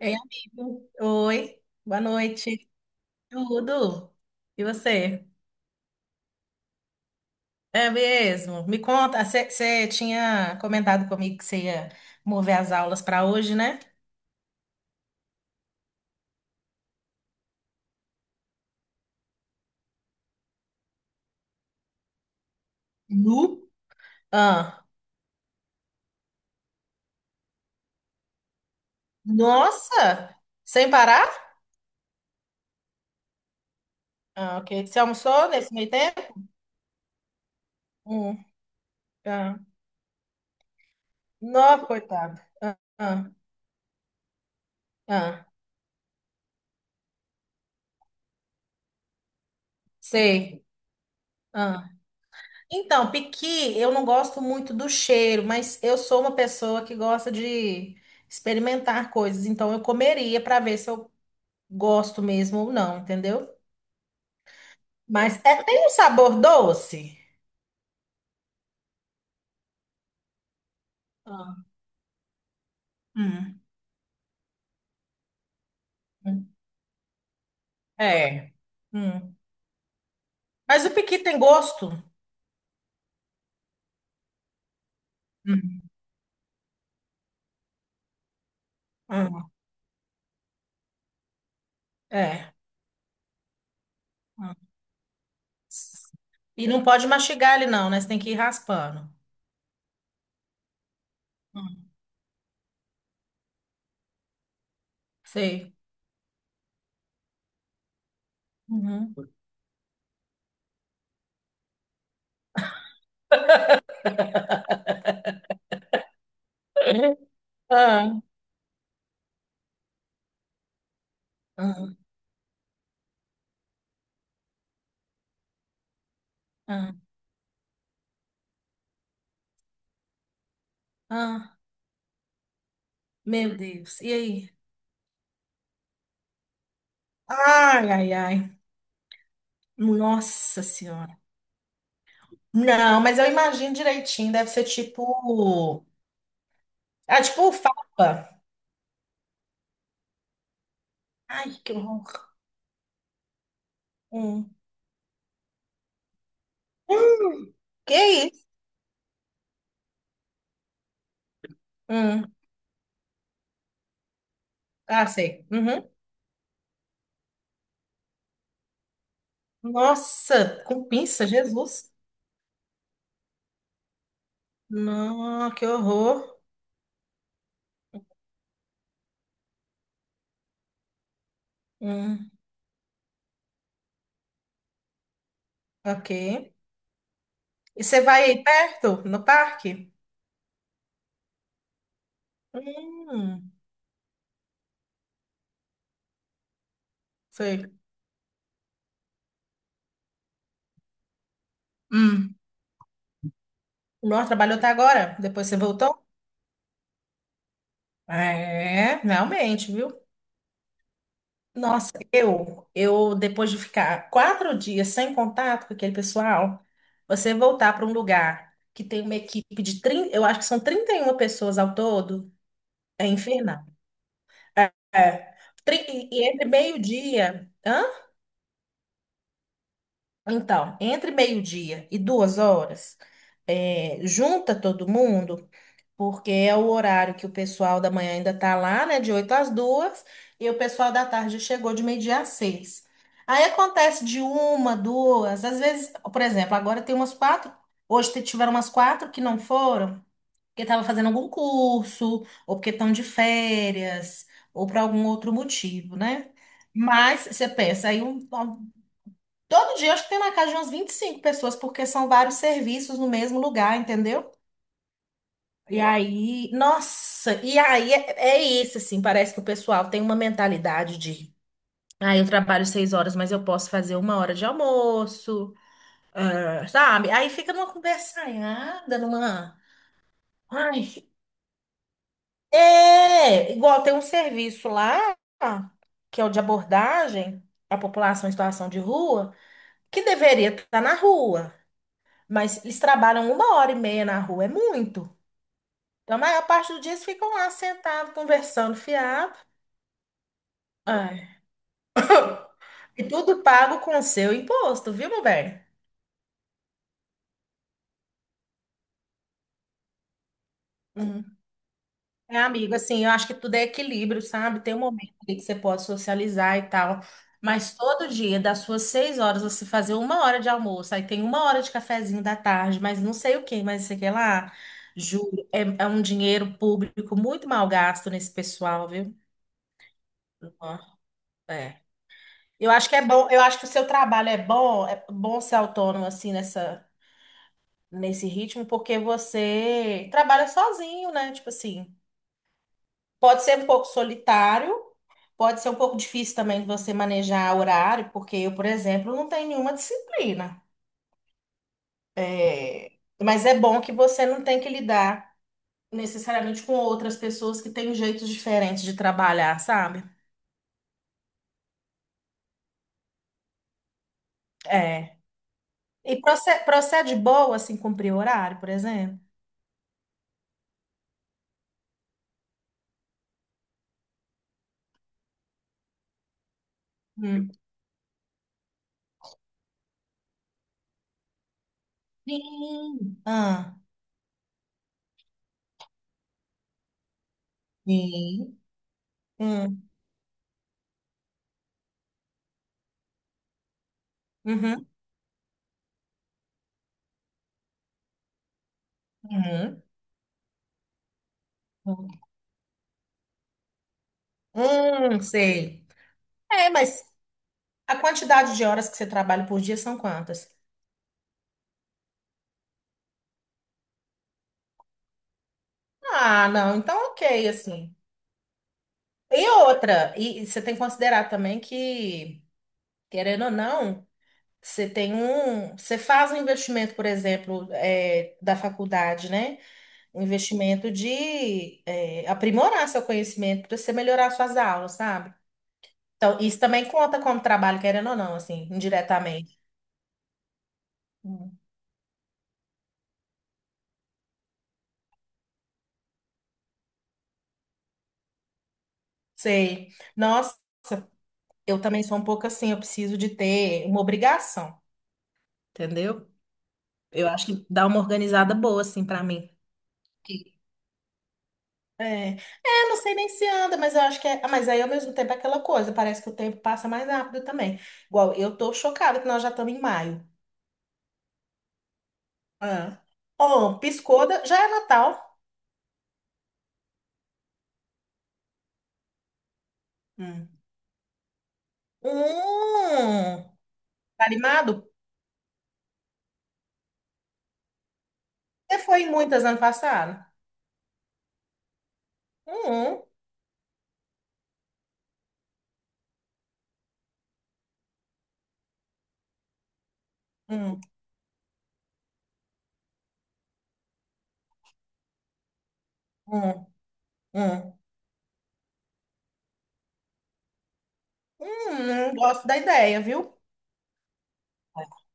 Ei, amigo. Oi, boa noite. Tudo? E você? É mesmo? Me conta, você tinha comentado comigo que você ia mover as aulas para hoje, né? Nu? Ah, nossa! Sem parar? Ah, ok. Você almoçou nesse meio tempo? Hum, ah. Nossa, coitado. Ah, ah, ah. Sei. Então, piqui, eu não gosto muito do cheiro, mas eu sou uma pessoa que gosta de experimentar coisas, então eu comeria para ver se eu gosto mesmo ou não, entendeu? Mas é, tem um sabor doce? Ah. Hum. É. Hum. Mas o piqui tem gosto? Hum. Hum. É. Hum. E não pode mastigar ele não, né? Você tem que ir raspando. Hum. Sei. Uhum. Ah, ah, ah, ah. Meu Deus. E aí? Ai, ai, ai. Nossa Senhora. Não, mas eu imagino direitinho. Deve ser tipo. Ah, tipo fava. Ai, que horror. Hum. Hum, que isso? Hum. Ah, sei. Uhum. Nossa, com pinça, Jesus. Não, que horror. Hum, ok. E você vai aí perto, no parque? Hum, sei. Hum. Nossa, trabalhou até agora? Depois você voltou? É, realmente, viu? Nossa, eu depois de ficar quatro dias sem contato com aquele pessoal, você voltar para um lugar que tem uma equipe de 30 eu acho que são 31 pessoas ao todo, é infernal. É, é. Tri- e entre meio-dia, hã? Então, entre meio-dia e duas horas, é, junta todo mundo. Porque é o horário que o pessoal da manhã ainda tá lá, né? De 8 às 2 e o pessoal da tarde chegou de meio-dia às 6. Aí acontece de uma, duas, às vezes, por exemplo, agora tem umas quatro, tiveram umas quatro que não foram, porque estavam fazendo algum curso, ou porque estão de férias, ou por algum outro motivo, né? Mas você pensa, todo dia eu acho que tem na casa de umas 25 pessoas, porque são vários serviços no mesmo lugar, entendeu? E aí, nossa, e aí é, é isso, assim, parece que o pessoal tem uma mentalidade de, ah, eu trabalho seis horas, mas eu posso fazer uma hora de almoço, ah, sabe? Aí fica numa conversanhada, numa, ai, é, igual tem um serviço lá, que é o de abordagem à população em situação de rua, que deveria estar na rua, mas eles trabalham uma hora e meia na rua, é muito. Então, a maior parte do dia eles ficam lá sentados, conversando, fiado. Ai. E tudo pago com o seu imposto, viu, meu bem? Uhum. É, amigo, assim, eu acho que tudo é equilíbrio, sabe? Tem um momento ali que você pode socializar e tal, mas todo dia, das suas seis horas, você fazer uma hora de almoço, aí tem uma hora de cafezinho da tarde, mas não sei o que, mas sei que lá, juro, é um dinheiro público muito mal gasto nesse pessoal, viu? Ó, é. Eu acho que é bom, eu acho que o seu trabalho é bom ser autônomo, assim, nessa. Nesse ritmo, porque você trabalha sozinho, né? Tipo assim, pode ser um pouco solitário, pode ser um pouco difícil também de você manejar horário, porque eu, por exemplo, não tenho nenhuma disciplina. É. Mas é bom que você não tem que lidar necessariamente com outras pessoas que têm jeitos diferentes de trabalhar, sabe? É. E procede boa, assim, cumprir horário, por exemplo? Hum. Sim. Ah, sim. Hum. Uhum. Uhum. Uhum. Sei. É, mas a quantidade de horas que você trabalha por dia são quantas? Ah, não, então ok, assim. E outra, e você tem que considerar também que, querendo ou não, você tem um. Você faz um investimento, por exemplo, é, da faculdade, né? Um investimento de é, aprimorar seu conhecimento para você melhorar suas aulas, sabe? Então, isso também conta como trabalho, querendo ou não, assim, indiretamente. Hum. Sei. Nossa. Eu também sou um pouco assim, eu preciso de ter uma obrigação, entendeu? Eu acho que dá uma organizada boa, assim, pra mim. Que- é, é, não sei nem se anda, mas eu acho que é. Ah, mas aí ao mesmo tempo é aquela coisa, parece que o tempo passa mais rápido também. Igual, eu tô chocada que nós já estamos em maio. Ah. Oh, piscou, já é Natal. Hum. Hum. Tá animado? Você foi em muitas ano passado? Hum, hum, hum, hum. Gosto da ideia, viu?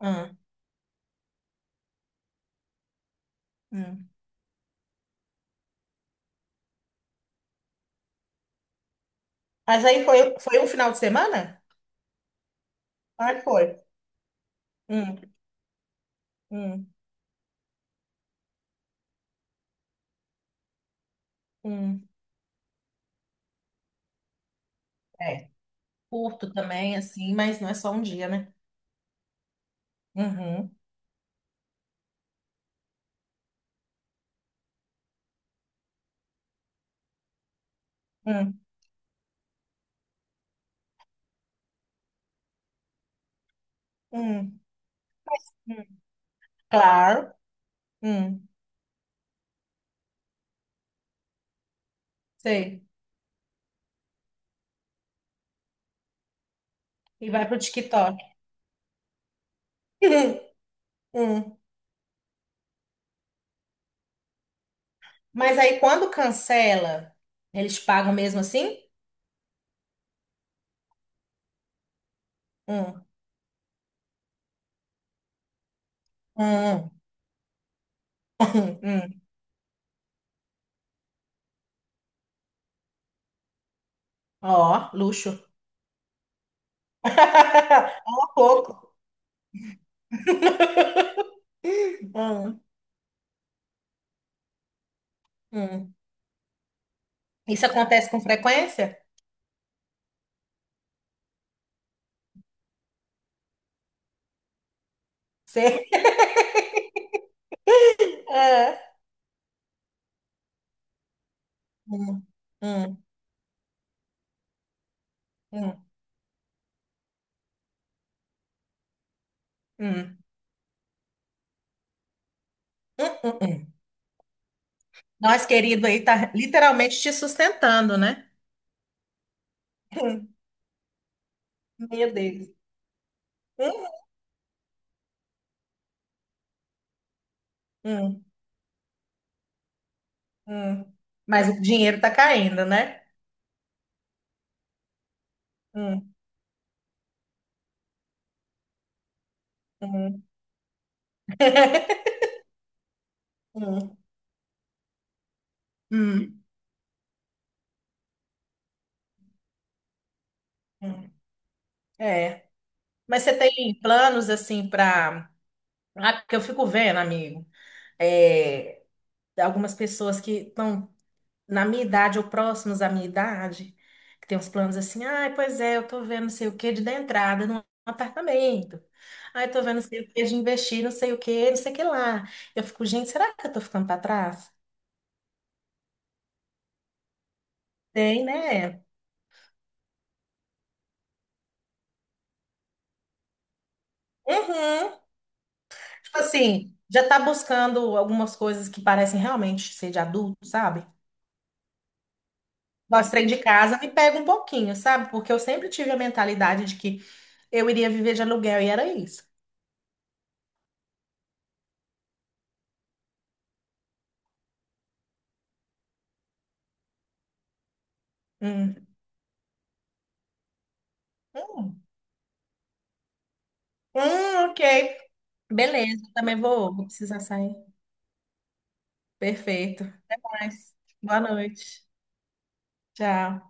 Hum, hum. Mas aí foi, foi um final de semana? Ah, foi. Hum, hum, hum. É, curto também, assim, mas não é só um dia, né? Uhum, hum, hum, hum. Claro, hum, sei. E vai pro TikTok. Hum, hum. Mas aí quando cancela, eles pagam mesmo assim? Hum, hum, hum. Ó, luxo. Ó, pouco. Hum, hum. Isso acontece com frequência? Sei. Hum, hum, hum, hum, hum, hum. Nós, querido, aí tá literalmente te sustentando, né? Hum, Meu Deus. Hum, hum, hum. Mas o dinheiro tá caindo, né? Hum, hum, hum, hum, hum. É. Mas você tem planos assim para. Ah, porque eu fico vendo, amigo, é, algumas pessoas que estão na minha idade ou próximos à minha idade, que tem uns planos assim, ai, pois é, eu tô vendo não sei o que de dar entrada num apartamento. Ai, tô vendo não sei o que de investir, não sei o que, não sei o que lá. Eu fico, gente, será que eu tô ficando para trás? Tem, né? Uhum. Tipo assim, já tá buscando algumas coisas que parecem realmente ser de adulto, sabe? Nós trem de casa me pega um pouquinho, sabe? Porque eu sempre tive a mentalidade de que eu iria viver de aluguel e era isso. Hum. Hum. Ok. Beleza, também vou precisar sair. Perfeito. Mas, boa noite. Tchau.